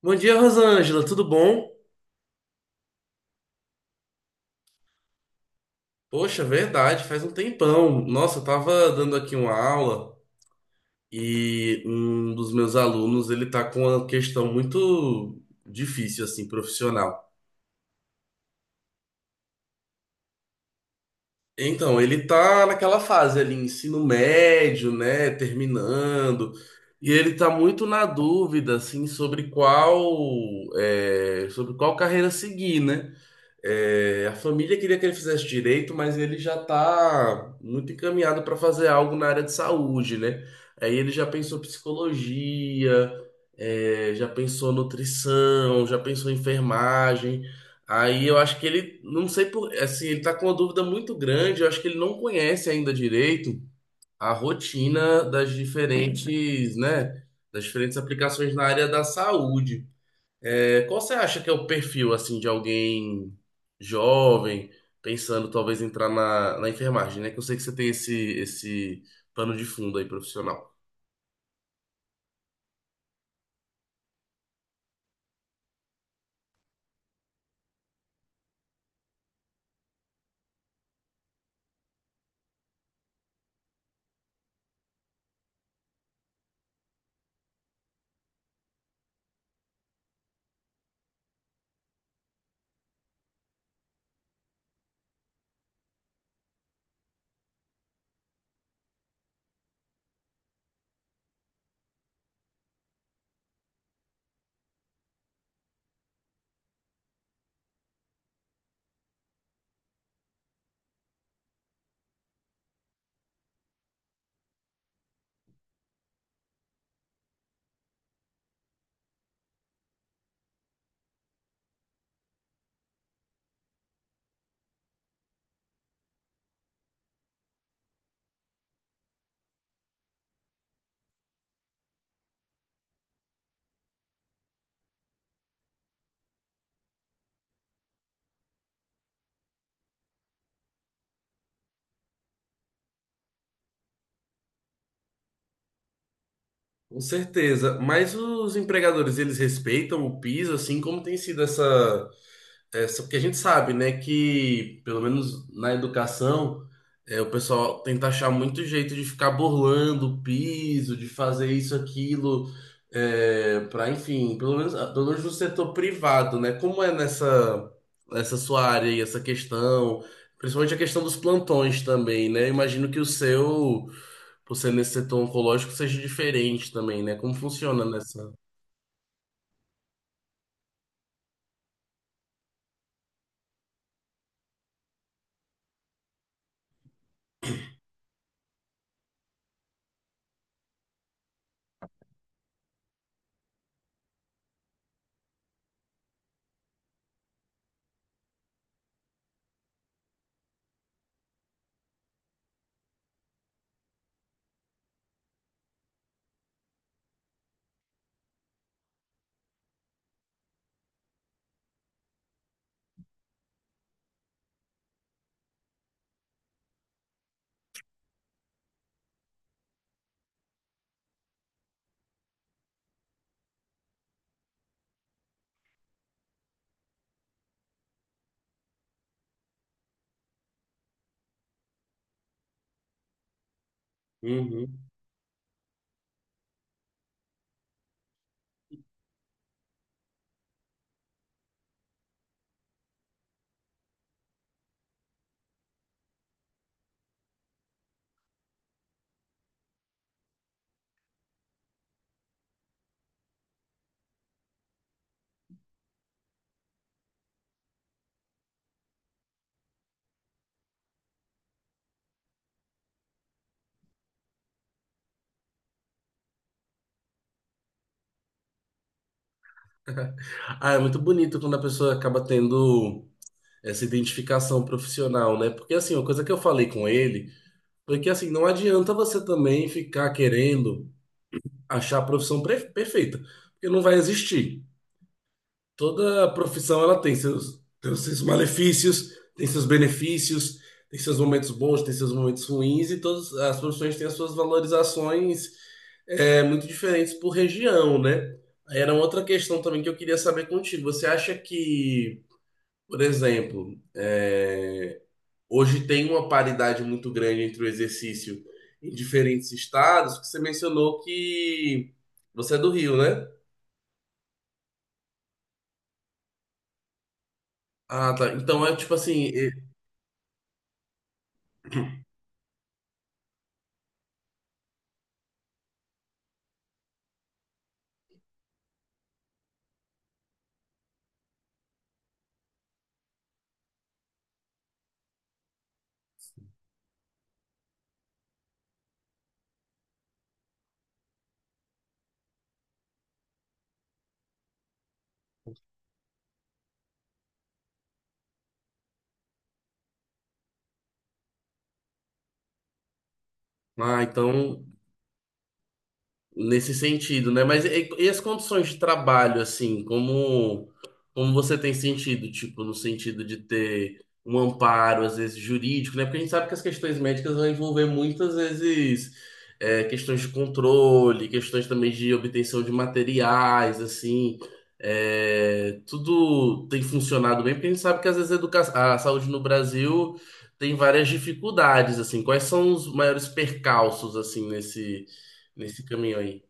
Bom dia, Rosângela, tudo bom? Poxa, verdade, faz um tempão. Nossa, eu tava dando aqui uma aula e um dos meus alunos, ele tá com uma questão muito difícil, assim, profissional. Então, ele tá naquela fase ali, ensino médio, né, terminando, e ele tá muito na dúvida, assim, sobre qual, sobre qual carreira seguir, né? É, a família queria que ele fizesse direito, mas ele já está muito encaminhado para fazer algo na área de saúde, né? Aí ele já pensou psicologia, já pensou nutrição, já pensou enfermagem. Aí eu acho que ele, não sei por, assim, ele está com uma dúvida muito grande. Eu acho que ele não conhece ainda direito a rotina das diferentes, né? Das diferentes aplicações na área da saúde. É, qual você acha que é o perfil assim de alguém jovem pensando talvez entrar na enfermagem, né? Que eu sei que você tem esse pano de fundo aí profissional. Com certeza, mas os empregadores eles respeitam o piso assim como tem sido essa. É, só porque a gente sabe, né, que pelo menos na educação, é, o pessoal tenta achar muito jeito de ficar burlando o piso, de fazer isso, aquilo, é, para, enfim, pelo menos, ah, pelo menos no setor privado, né? Como é nessa, nessa sua área e essa questão, principalmente a questão dos plantões também, né? Imagino que o seu, por ser nesse setor oncológico, seja diferente também, né? Como funciona nessa. Uhum. Ah, é muito bonito quando a pessoa acaba tendo. Essa identificação profissional, né? Porque assim, uma coisa que eu falei com ele foi que assim, não adianta você também ficar querendo achar a profissão perfeita, porque não vai existir. Toda profissão ela tem seus malefícios, tem seus benefícios, tem seus momentos bons, tem seus momentos ruins, e todas as profissões têm as suas valorizações muito diferentes por região, né? Era uma outra questão também que eu queria saber contigo. Você acha que, por exemplo, é, hoje tem uma paridade muito grande entre o exercício em diferentes estados, que você mencionou que você é do Rio, né? Ah, tá. Então é tipo assim. Ah, então nesse sentido, né? Mas e as condições de trabalho, assim, como, como você tem sentido, tipo, no sentido de ter um amparo, às vezes, jurídico, né? Porque a gente sabe que as questões médicas vão envolver muitas vezes questões de controle, questões também de obtenção de materiais, assim. É, tudo tem funcionado bem, porque a gente sabe que às vezes a saúde no Brasil tem várias dificuldades, assim. Quais são os maiores percalços, assim, nesse, nesse caminho aí?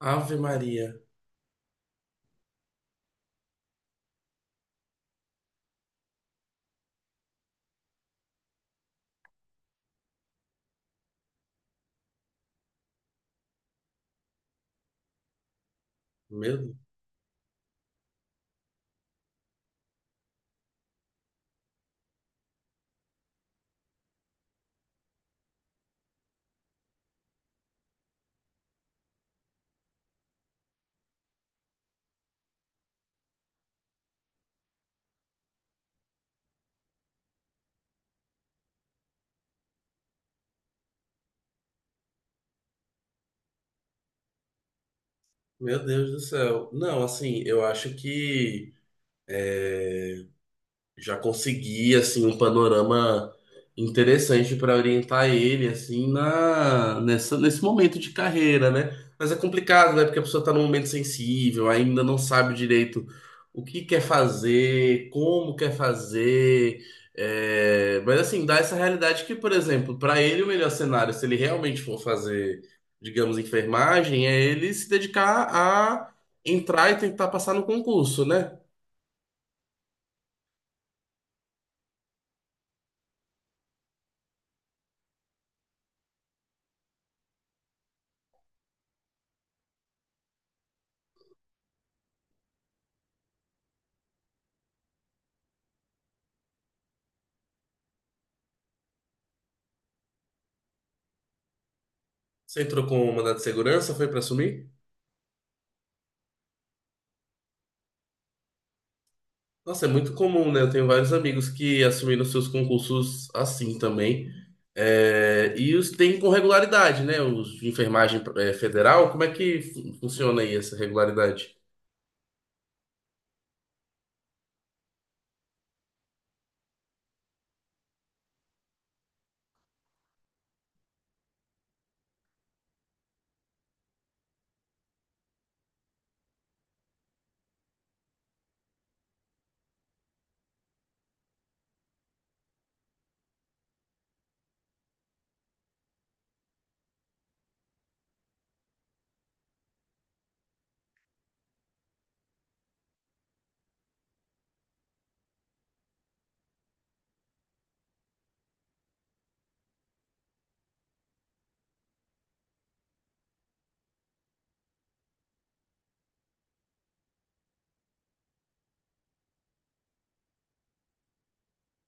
Ave Maria. Meu, meu Deus do céu. Não, assim, eu acho que já consegui assim um panorama interessante para orientar ele assim na nessa, nesse momento de carreira, né? Mas é complicado, né? Porque a pessoa está num momento sensível, ainda não sabe direito o que quer fazer, como quer fazer. Mas assim, dá essa realidade que, por exemplo, para ele o melhor cenário, se ele realmente for fazer, digamos, enfermagem, é ele se dedicar a entrar e tentar passar no concurso, né? Você entrou com o mandato de segurança, foi para assumir? Nossa, é muito comum, né? Eu tenho vários amigos que assumiram seus concursos assim também. É, e os tem com regularidade, né? Os de enfermagem é, federal, como é que funciona aí essa regularidade?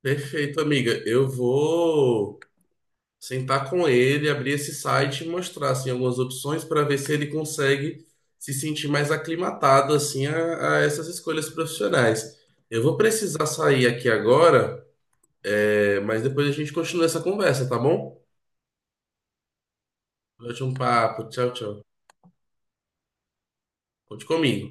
Perfeito, amiga. Eu vou sentar com ele, abrir esse site e mostrar assim, algumas opções para ver se ele consegue se sentir mais aclimatado assim a essas escolhas profissionais. Eu vou precisar sair aqui agora. É, mas depois a gente continua essa conversa, tá bom? Ótimo papo. Tchau, tchau. Conte comigo.